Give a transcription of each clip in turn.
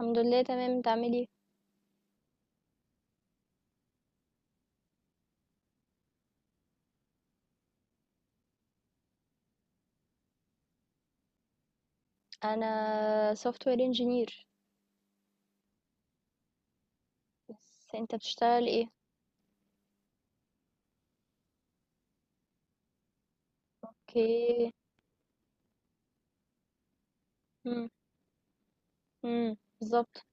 الحمد لله تمام. انت عامل ايه؟ انا سوفت وير انجينير. بس انت بتشتغل ايه؟ اوكي. امم امم بالظبط.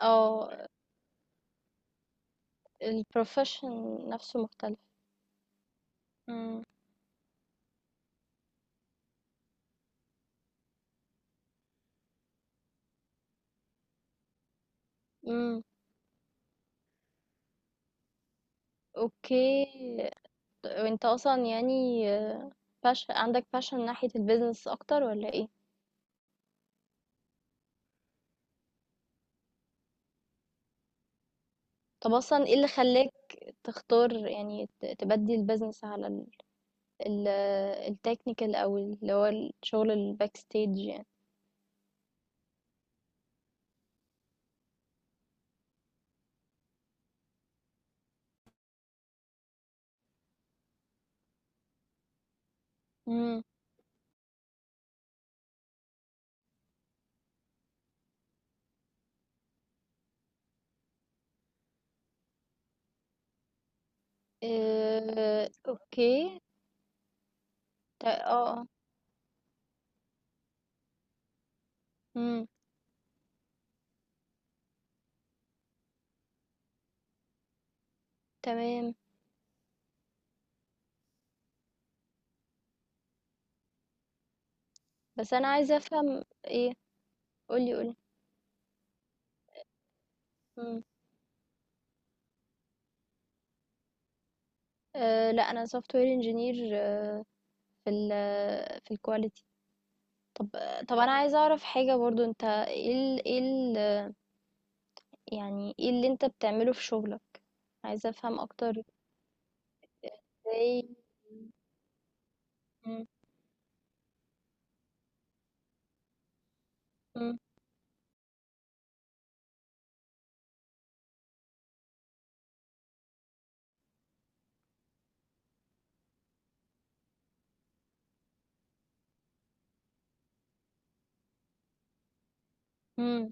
اه، البروفيشن نفسه مختلف. امم. امم. اوكي. وانت اصلا يعني باش عندك باشن ناحية البيزنس اكتر ولا ايه؟ طب اصلا ايه اللي خلاك تختار يعني تبدي البيزنس على ال- التكنيكال او اللي هو الشغل الباك ستيج يعني؟ اوكي. اه. مم، تمام. بس انا عايزه افهم ايه. قولي. مم. أه لا، انا سوفت وير انجينير في في الكواليتي. طب طب انا عايزه اعرف حاجه برضو. انت ايه ال يعني ايه اللي انت بتعمله في شغلك؟ عايزه افهم اكتر. ازاي؟ مم، مم، مم،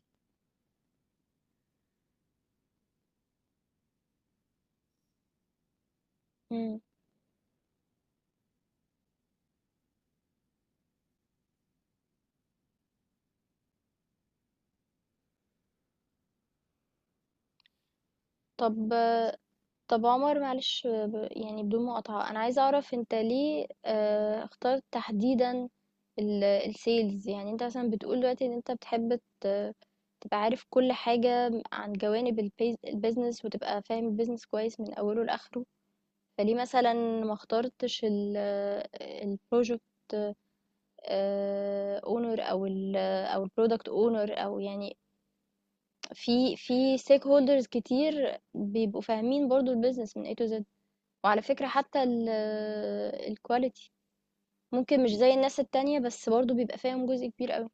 مم. طب طب عمر معلش، يعني بدون مقاطعة، أنا عايزة أعرف أنت ليه اخترت تحديدا السيلز. يعني أنت مثلا بتقول دلوقتي إن أنت بتحب تبقى عارف كل حاجة عن جوانب البيزنس، وتبقى فاهم البيزنس كويس من أوله لآخره. فليه مثلا ما اخترتش البروجكت اونر أو ال أو البرودكت اونر، أو يعني في ستيك هولدرز كتير بيبقوا فاهمين برضو البيزنس من A to Z. وعلى فكرة، حتى الquality ممكن مش زي الناس التانية، بس برضه بيبقى فيهم جزء كبير أوي.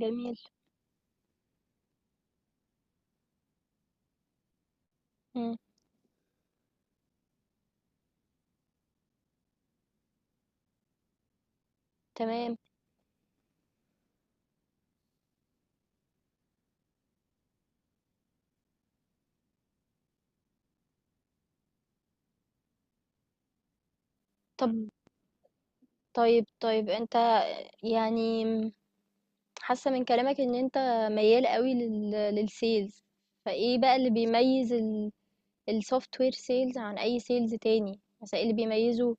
جميل. إمم. تمام. طب طيب، طيب أنت، يعني م حاسة من كلامك إن أنت ميّال أوي للsales. فإيه بقى اللي بيميّز ال الsoftware sales عن أي sales تاني؟ مثلًا إيه اللي بيميّزه،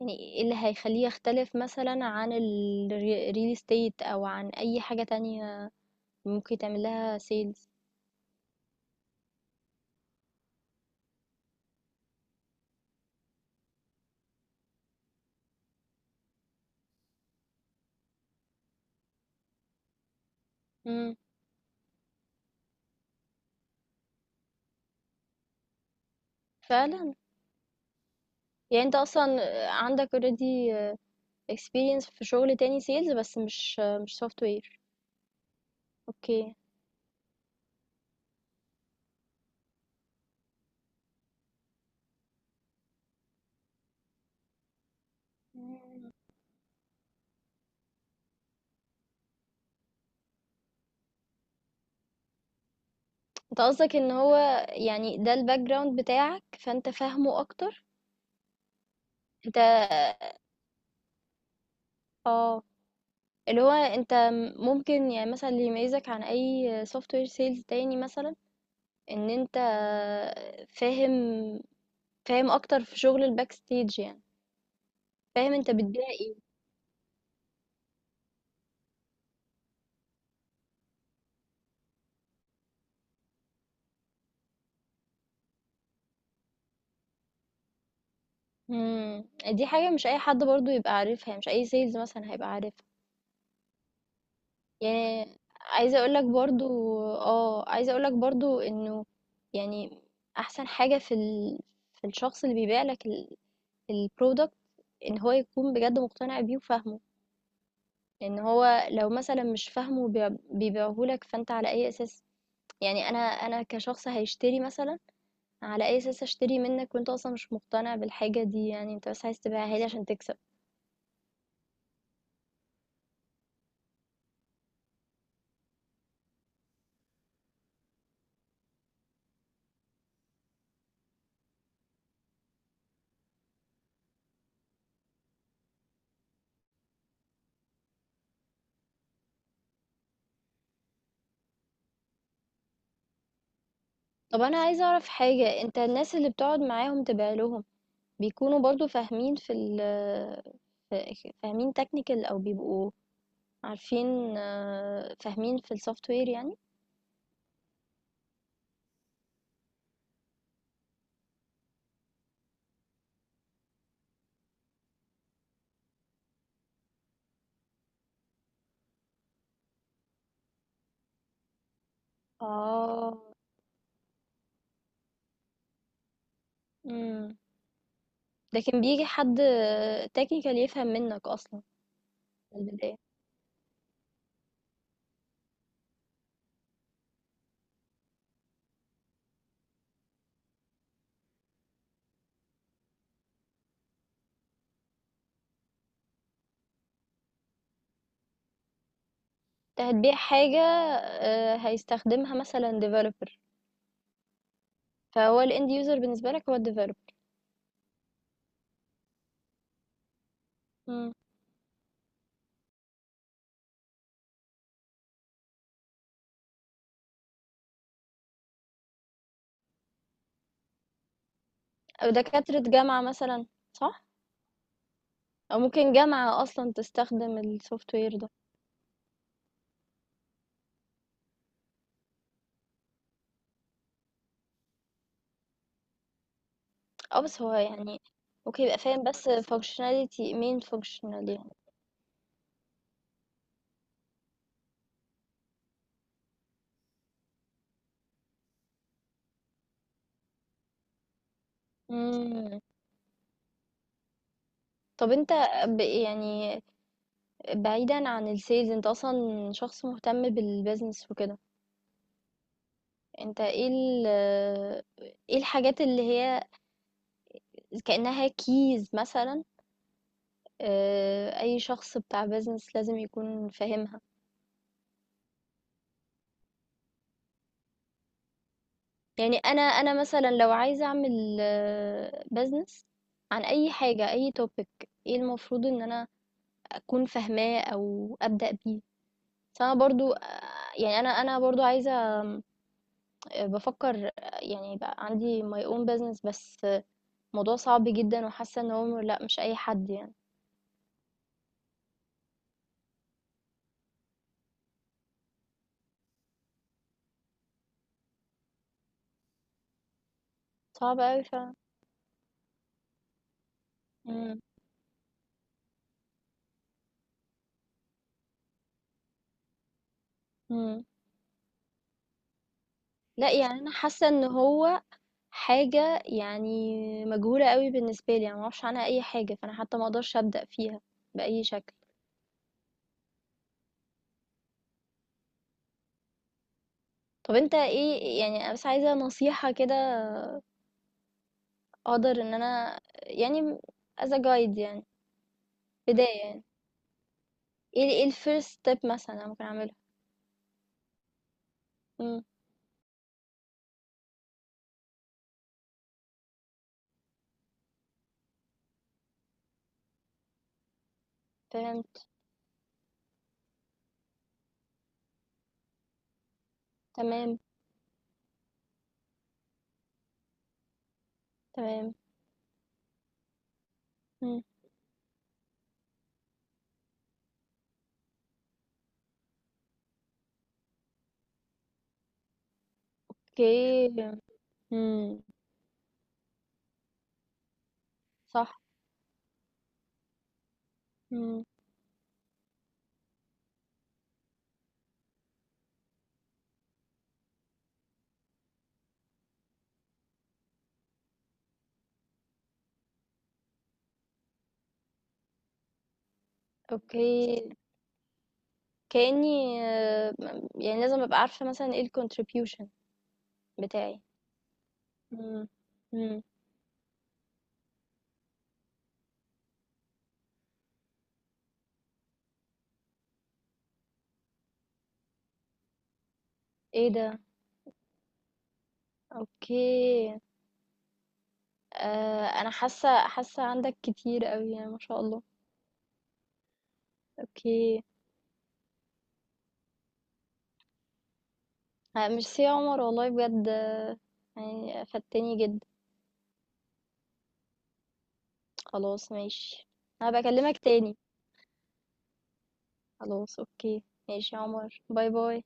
يعني إيه اللي هيخلّيه يختلف مثلًا عن real estate أو عن أي حاجة تانية ممكن تعمل لها sales؟ إمم. فعلًا؟ يعني أنت أصلًا عندك already experience في شغل تاني sales، بس مش software. أوكي. إمم. أنت قصدك إن هو يعني ده الbackground بتاعك، فأنت فاهمه أكتر. أنت، آه، اللي هو أنت ممكن يعني مثلًا اللي يميزك عن أي software sales تاني مثلًا، إن أنت فاهم فاهم أكتر في شغل الbackstage يعني، فاهم أنت بتبيع إيه. إمم. دي حاجة مش أي حد برضه يبقى عارفها، يعني مش أي sales مثلًا هيبقى عارفها. يعني عايزة اقولك برضو، اه عايزة اقولك برضو انه يعني احسن حاجة في في الشخص اللي بيبيع لك البرودكت، ان هو يكون بجد مقتنع بيه وفاهمه. ان هو لو مثلا مش فاهمه وبيع- بيبيعهولك، فانت على اي اساس؟ يعني انا كشخص هيشتري مثلا، على اي اساس اشتري منك وانت اصلا مش مقتنع بالحاجة دي؟ يعني انت بس عايز تبيعها لي عشان تكسب. طب انا عايزة اعرف حاجة، انت الناس اللي بتقعد معاهم تبيع لهم بيكونوا برضو فاهمين في فاهمين تكنيكال، او بيبقوا عارفين، فاهمين في السوفت وير يعني؟ اه. امم. لكن بيجي حد تكنيكال يفهم منك اصلا من البدايه؟ انت هتبيع حاجه هيستخدمها مثلا ديفلوبر، فهو الاند يوزر بالنسبه لك هو الديفلوبر. او دكاتره جامعه مثلا. صح. او ممكن جامعه اصلا تستخدم السوفت وير ده. اه بس هو يعني، اوكي يبقى فاهم بس functionality main functional يعني. مم. طب انت، يعني بعيدا عن السيلز، انت اصلا شخص مهتم بالبيزنس وكده. انت ايه ايه الحاجات اللي هي كأنها كيز مثلا، اه، اي شخص بتاع بيزنس لازم يكون فاهمها؟ يعني انا مثلا لو عايزة اعمل بيزنس عن اي حاجة، اي توبيك، ايه المفروض ان انا اكون فاهماه او ابدأ بيه؟ بس انا برضو، يعني انا برضو عايزه بفكر، يعني يبقى عندي my own business، بس الموضوع صعب جدا، وحاسه ان هو لا، مش اي حد يعني. صعب قوي فعلا. مم. مم. لا يعني انا حاسه ان هو حاجه يعني مجهوله قوي بالنسبه لي، يعني ما اعرفش عنها اي حاجه، فانا حتى ما اقدرش ابدا فيها باي شكل. طب انت ايه، يعني انا بس عايزه نصيحه كده اقدر ان انا يعني as a guide يعني بدايه يعني، ايه ايه الفيرست ستيب مثلا انا ممكن اعملها؟ فهمت. تمام. تمام. مم. اوكي. مم. صح. مم. اوكي. كأني يعني لازم ابقى عارفة مثلا ايه الكونتريبيوشن بتاعي. مم. مم. ايه ده. اوكي. آه انا حاسة عندك كتير قوي يعني، ما شاء الله. اوكي. ميرسي يا عمر، والله بجد، يعني فدتني جدا. خلاص ماشي. انا بكلمك تاني. خلاص اوكي. ماشي يا عمر، باي باي.